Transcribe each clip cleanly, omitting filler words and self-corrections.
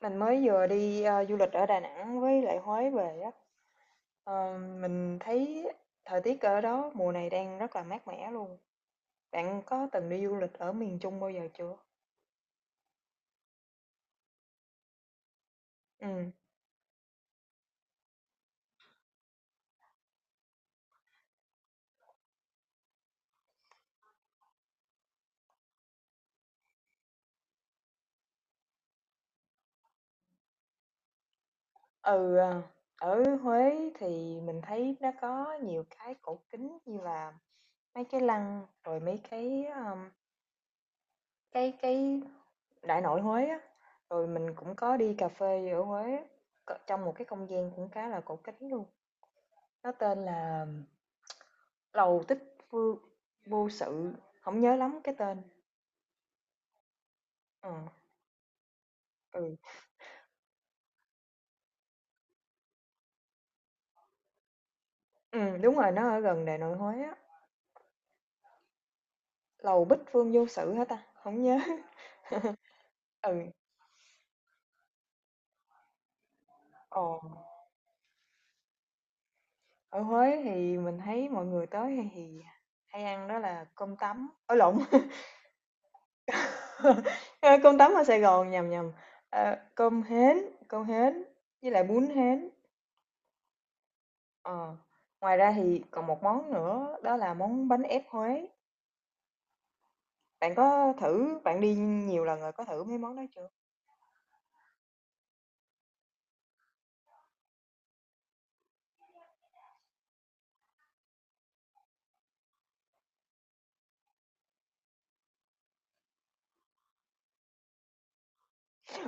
Mình mới vừa đi du lịch ở Đà Nẵng với lại Huế về á. Mình thấy thời tiết ở đó mùa này đang rất là mát mẻ luôn. Bạn có từng đi du lịch ở miền Trung bao giờ chưa? Ừ. Ừ, ờ, Ở Huế thì mình thấy nó có nhiều cái cổ kính như là mấy cái lăng rồi mấy cái đại nội Huế á. Rồi mình cũng có đi cà phê ở Huế á, trong một cái không gian cũng khá là cổ kính luôn. Nó tên là Lầu Tích Phương Vô Sự, không nhớ lắm cái tên. Ờ, ừ, Đúng rồi, nó ở gần Đại Nội Huế á. Lầu Bích Phương Vô Sự hả ta? Không nhớ. Ừ, ờ, Ở Huế thì mình thấy mọi người tới hay ăn đó là cơm tấm, ối lộn, ơ, cơm tấm ở Sài Gòn, nhầm, cơm hến, cơm hến với lại bún hến. Ờ, Ngoài ra thì còn một món nữa đó là món bánh ép Huế. Bạn có thử bạn đi nhiều lần rồi, có thử mấy món đó chưa?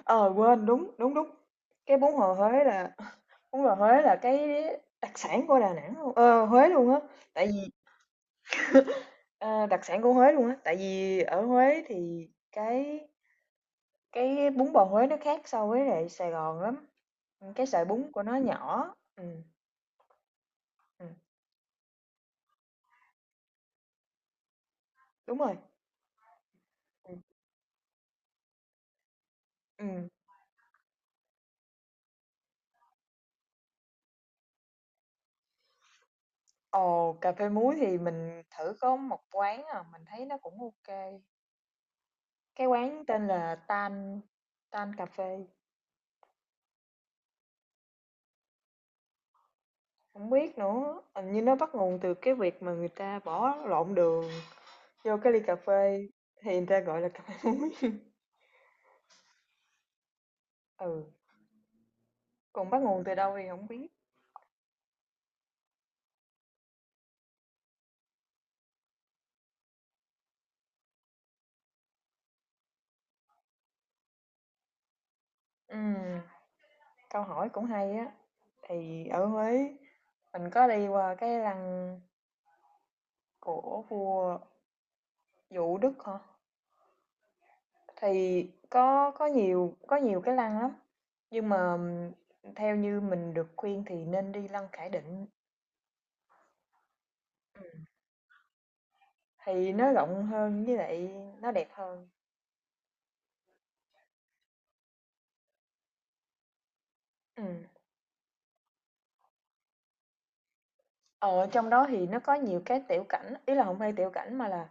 Ờ, Quên, đúng, đúng, đúng. Cái bún bò Huế là Bún bò Huế là cái đặc sản của Đà Nẵng luôn, ờ, Huế luôn á. Tại vì ờ, đặc sản của Huế luôn á. Tại vì ở Huế thì cái bún bò Huế nó khác so với lại Sài Gòn lắm. Ừ, cái sợi bún của nó nhỏ. Ừ, ừ, đúng rồi. Ừ. Ừ. Ồ, cà phê muối thì mình thử có một quán à, mình thấy nó cũng ok. Cái quán tên là Tan Tan Cà phê. Không biết nữa, hình như nó bắt nguồn từ cái việc mà người ta bỏ lộn đường vô cái ly cà phê thì người ta gọi là cà phê muối. Ừ, còn bắt nguồn từ đâu thì không biết. Ừm, Câu hỏi cũng hay á. Thì ở Huế mình có đi qua cái lăng của vua Vũ Đức hả? Thì có nhiều cái lăng lắm, nhưng mà theo như mình được khuyên thì nên đi lăng Khải Định, thì nó rộng hơn với lại nó đẹp hơn. Ừm. Ờ, trong đó thì nó có nhiều cái tiểu cảnh, ý là không phải tiểu cảnh mà là,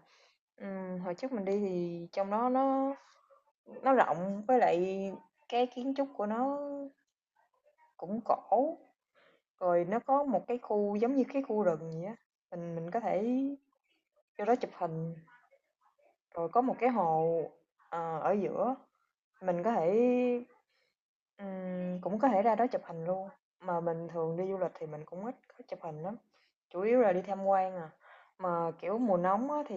hồi trước mình đi thì trong đó nó rộng, với lại cái kiến trúc của nó cũng cổ, rồi nó có một cái khu giống như cái khu rừng vậy á, mình có thể vô đó chụp hình. Rồi có một cái hồ, ờ, ở giữa, mình có thể ừm, cũng có thể ra đó chụp hình luôn, mà mình thường đi du lịch thì mình cũng ít có chụp hình lắm, chủ yếu là đi tham quan à. Mà, kiểu, mùa nóng á thì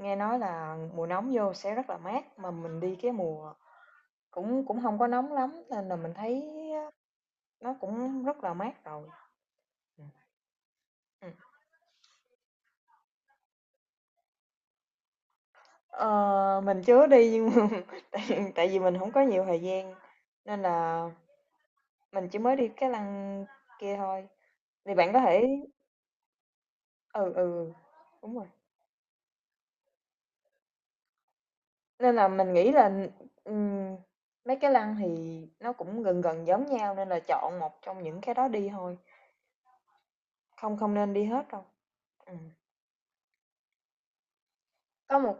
nghe nói là mùa nóng vô sẽ rất là mát, mà mình đi cái mùa cũng cũng không có nóng lắm nên là mình thấy á nó cũng rất là mát rồi. Ừm, ừm. Ờ, mình chưa đi nhưng mà tại tại vì mình không có nhiều thời gian nên là mình chỉ mới đi cái lăng kia thôi, thì bạn có thể ừ, ừ, đúng rồi. Nên là mình nghĩ là, ừm, mấy cái lăng thì nó cũng gần gần giống nhau nên là chọn một trong những cái đó đi thôi, không không nên đi hết đâu. Ừm. Có một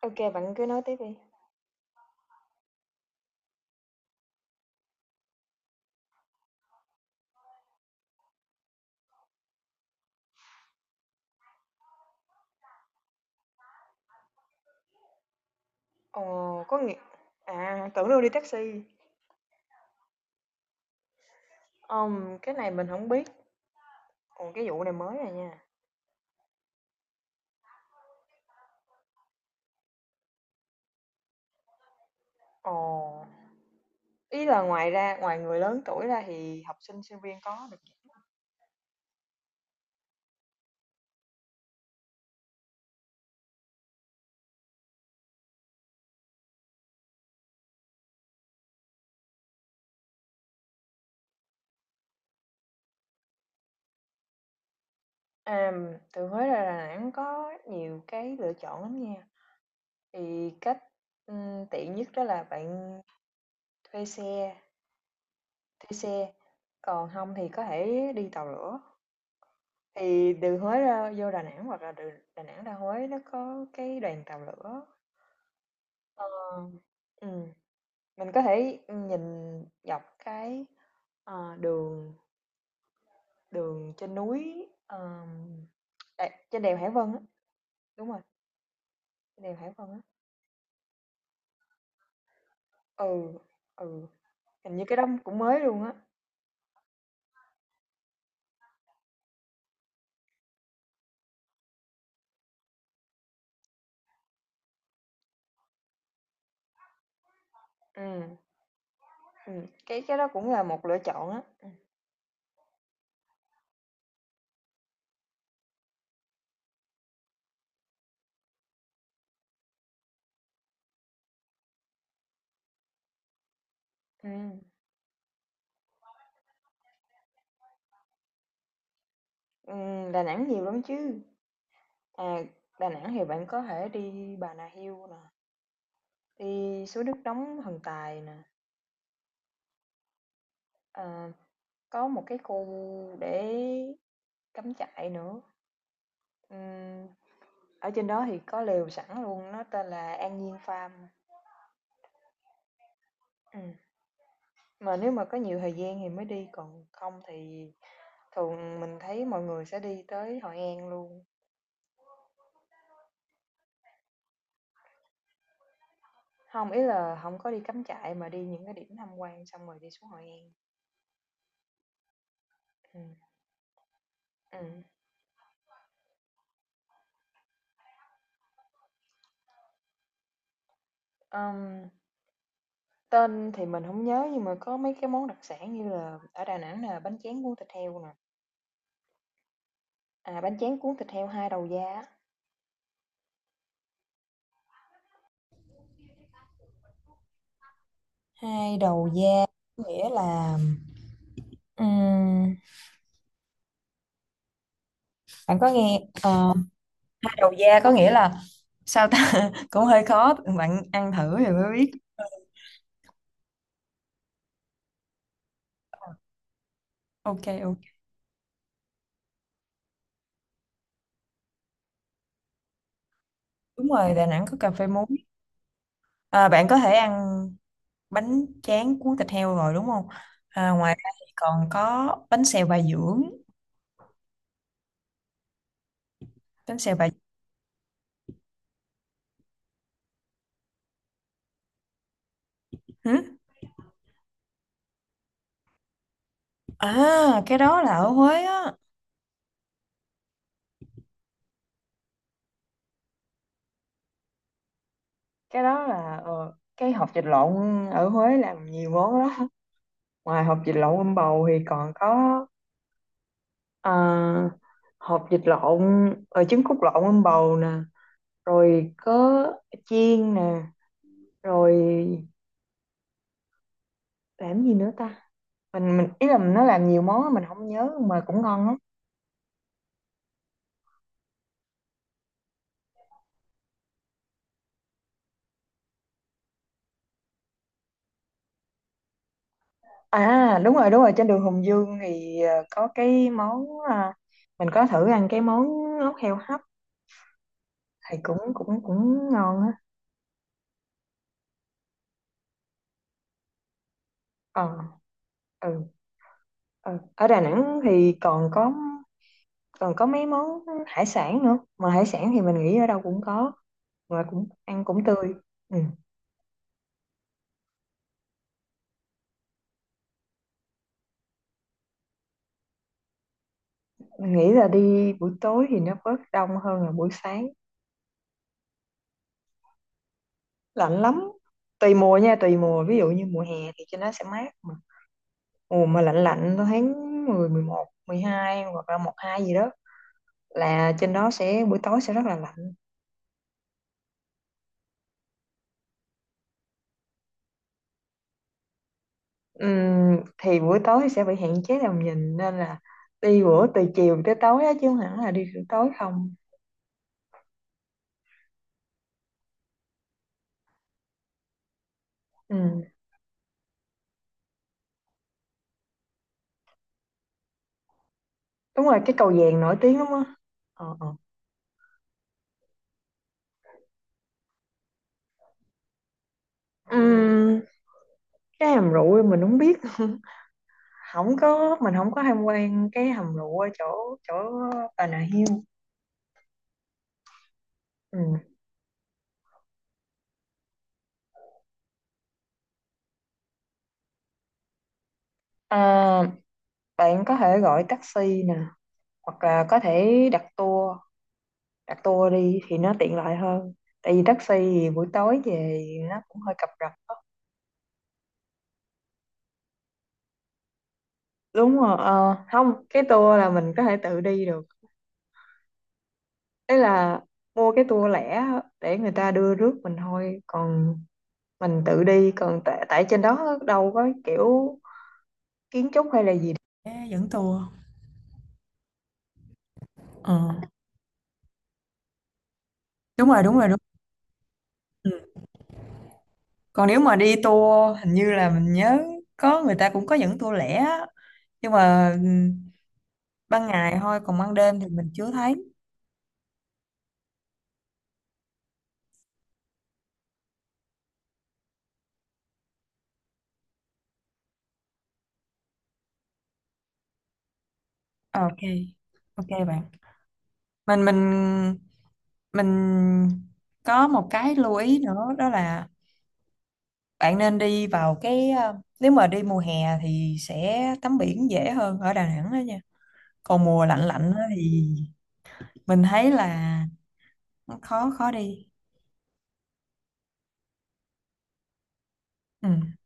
ok bạn cứ nói tiếp đi. Ờ, có nghĩa à, tưởng đâu đi taxi, cái này mình không biết, ồ, cái vụ này mới à nha. Ồ, ý là ngoài ra ngoài người lớn tuổi ra thì học sinh, sinh viên có được giảm à, từ Huế ra Đà Nẵng có nhiều cái lựa chọn lắm nha, thì cách, tiện nhất đó là bạn thuê xe, thuê xe, còn không thì có thể đi tàu lửa. Thì từ Huế ra vô Đà Nẵng hoặc là từ Đà Nẵng ra Huế nó có cái đoàn tàu lửa. Ờ, ừm, mình có thể nhìn dọc cái, ờ, đường đường trên núi, đè trên đèo Hải Vân á, đúng rồi, trên đèo Hải Vân á. Ừ, ừ, hình như cái đó cũng mới luôn á. Ừm, cái đó cũng là một lựa chọn á. Ừm, Đà Nẵng nhiều lắm chứ. À, Đà Nẵng thì bạn có thể đi Bà Nà Hills nè, đi suối nước nóng Thần Tài nè, ờ, có một cái khu để cắm trại nữa. Ừm, ở trên đó thì có lều sẵn luôn, nó tên là An Nhiên Farm. Ừ. Mà nếu mà có nhiều thời gian thì mới đi, còn không thì thường mình thấy mọi người sẽ đi tới Hội An luôn. Không, ý là không có đi cắm trại mà đi những cái điểm tham quan xong rồi đi xuống Hội An. Ừ. Ừ. Ừm, tên thì mình không nhớ nhưng mà có mấy cái món đặc sản như là ở Đà Nẵng là bánh tráng cuốn thịt heo nè, à, bánh tráng cuốn thịt heo hai đầu da á. Hai đầu da có nghĩa là ừm, bạn có nghe ờ, hai đầu da có nghĩa là sao ta cũng hơi khó bạn ăn thử thì mới biết ok ok đúng rồi Đà Nẵng có cà phê muối à, bạn có thể ăn bánh tráng cuốn thịt heo rồi đúng không à, ngoài ra thì còn có bánh xèo Bà Dưỡng bánh xèo Bà Dưỡng À, cái đó là ở Huế á. Cái đó là ờ, cái hột vịt lộn ở Huế làm nhiều món lắm ngoài hột vịt lộn bầu thì còn có ờ, hột vịt lộn ờ, trứng cút lộn bầu nè rồi có chiên nè rồi làm gì nữa ta mình ý là nó làm nhiều món á, mình không nhớ mà cũng ngon lắm à đúng rồi trên đường Hùng Vương thì ờ, có mình có thử ăn cái món ốc heo hấp thì cũng cũng cũng ngon á ờ ừ, ừ. Ở Đà Nẵng thì còn có mấy món hải sản nữa mà hải sản thì mình nghĩ ở đâu cũng có mà cũng ăn cũng tươi ừ. Mình nghĩ là đi buổi tối thì nó bớt đông hơn là buổi sáng lạnh lắm tùy mùa nha tùy mùa ví dụ như mùa hè thì cho nó sẽ mát mà mùa mà lạnh lạnh tháng 10, 11, 12 hoặc là 1, 2 gì đó là trên đó sẽ buổi tối sẽ rất là lạnh ừm, thì buổi tối sẽ bị hạn chế tầm nhìn nên là đi bữa từ chiều tới tối á chứ không hẳn là đi từ tối không ừm, đúng rồi cái cầu vàng nổi tiếng lắm á ờ, ờ. Ừm, cái hầm rượu mình không biết không có mình không có tham quan cái hầm rượu ở chỗ chỗ Bà Nà Hills ừm. À, bạn có thể gọi taxi nè hoặc là có thể đặt tour đi thì nó tiện lợi hơn tại vì taxi thì buổi tối về nó cũng hơi cập rập đúng rồi ờ, không cái tour là mình có thể tự đi được đấy là mua cái tour lẻ á, để người ta đưa rước mình thôi còn mình tự đi còn tại trên đó đâu có kiểu kiến trúc hay là gì ê, dẫn tour ờ đúng rồi đúng rồi đúng ừ. Còn nếu mà đi tour hình như là mình nhớ có người ta cũng có dẫn tour lẻ á. Nhưng mà ừ, ban ngày thôi còn ban đêm thì mình chưa thấy ờ, ok ok bạn mình mình mình có một cái lưu ý nữa đó là bạn nên đi vào cái ờ, nếu mà đi mùa hè thì sẽ tắm biển dễ hơn ở Đà Nẵng đó nha còn mùa lạnh lạnh á thì mình thấy là nó khó khó đi ừ.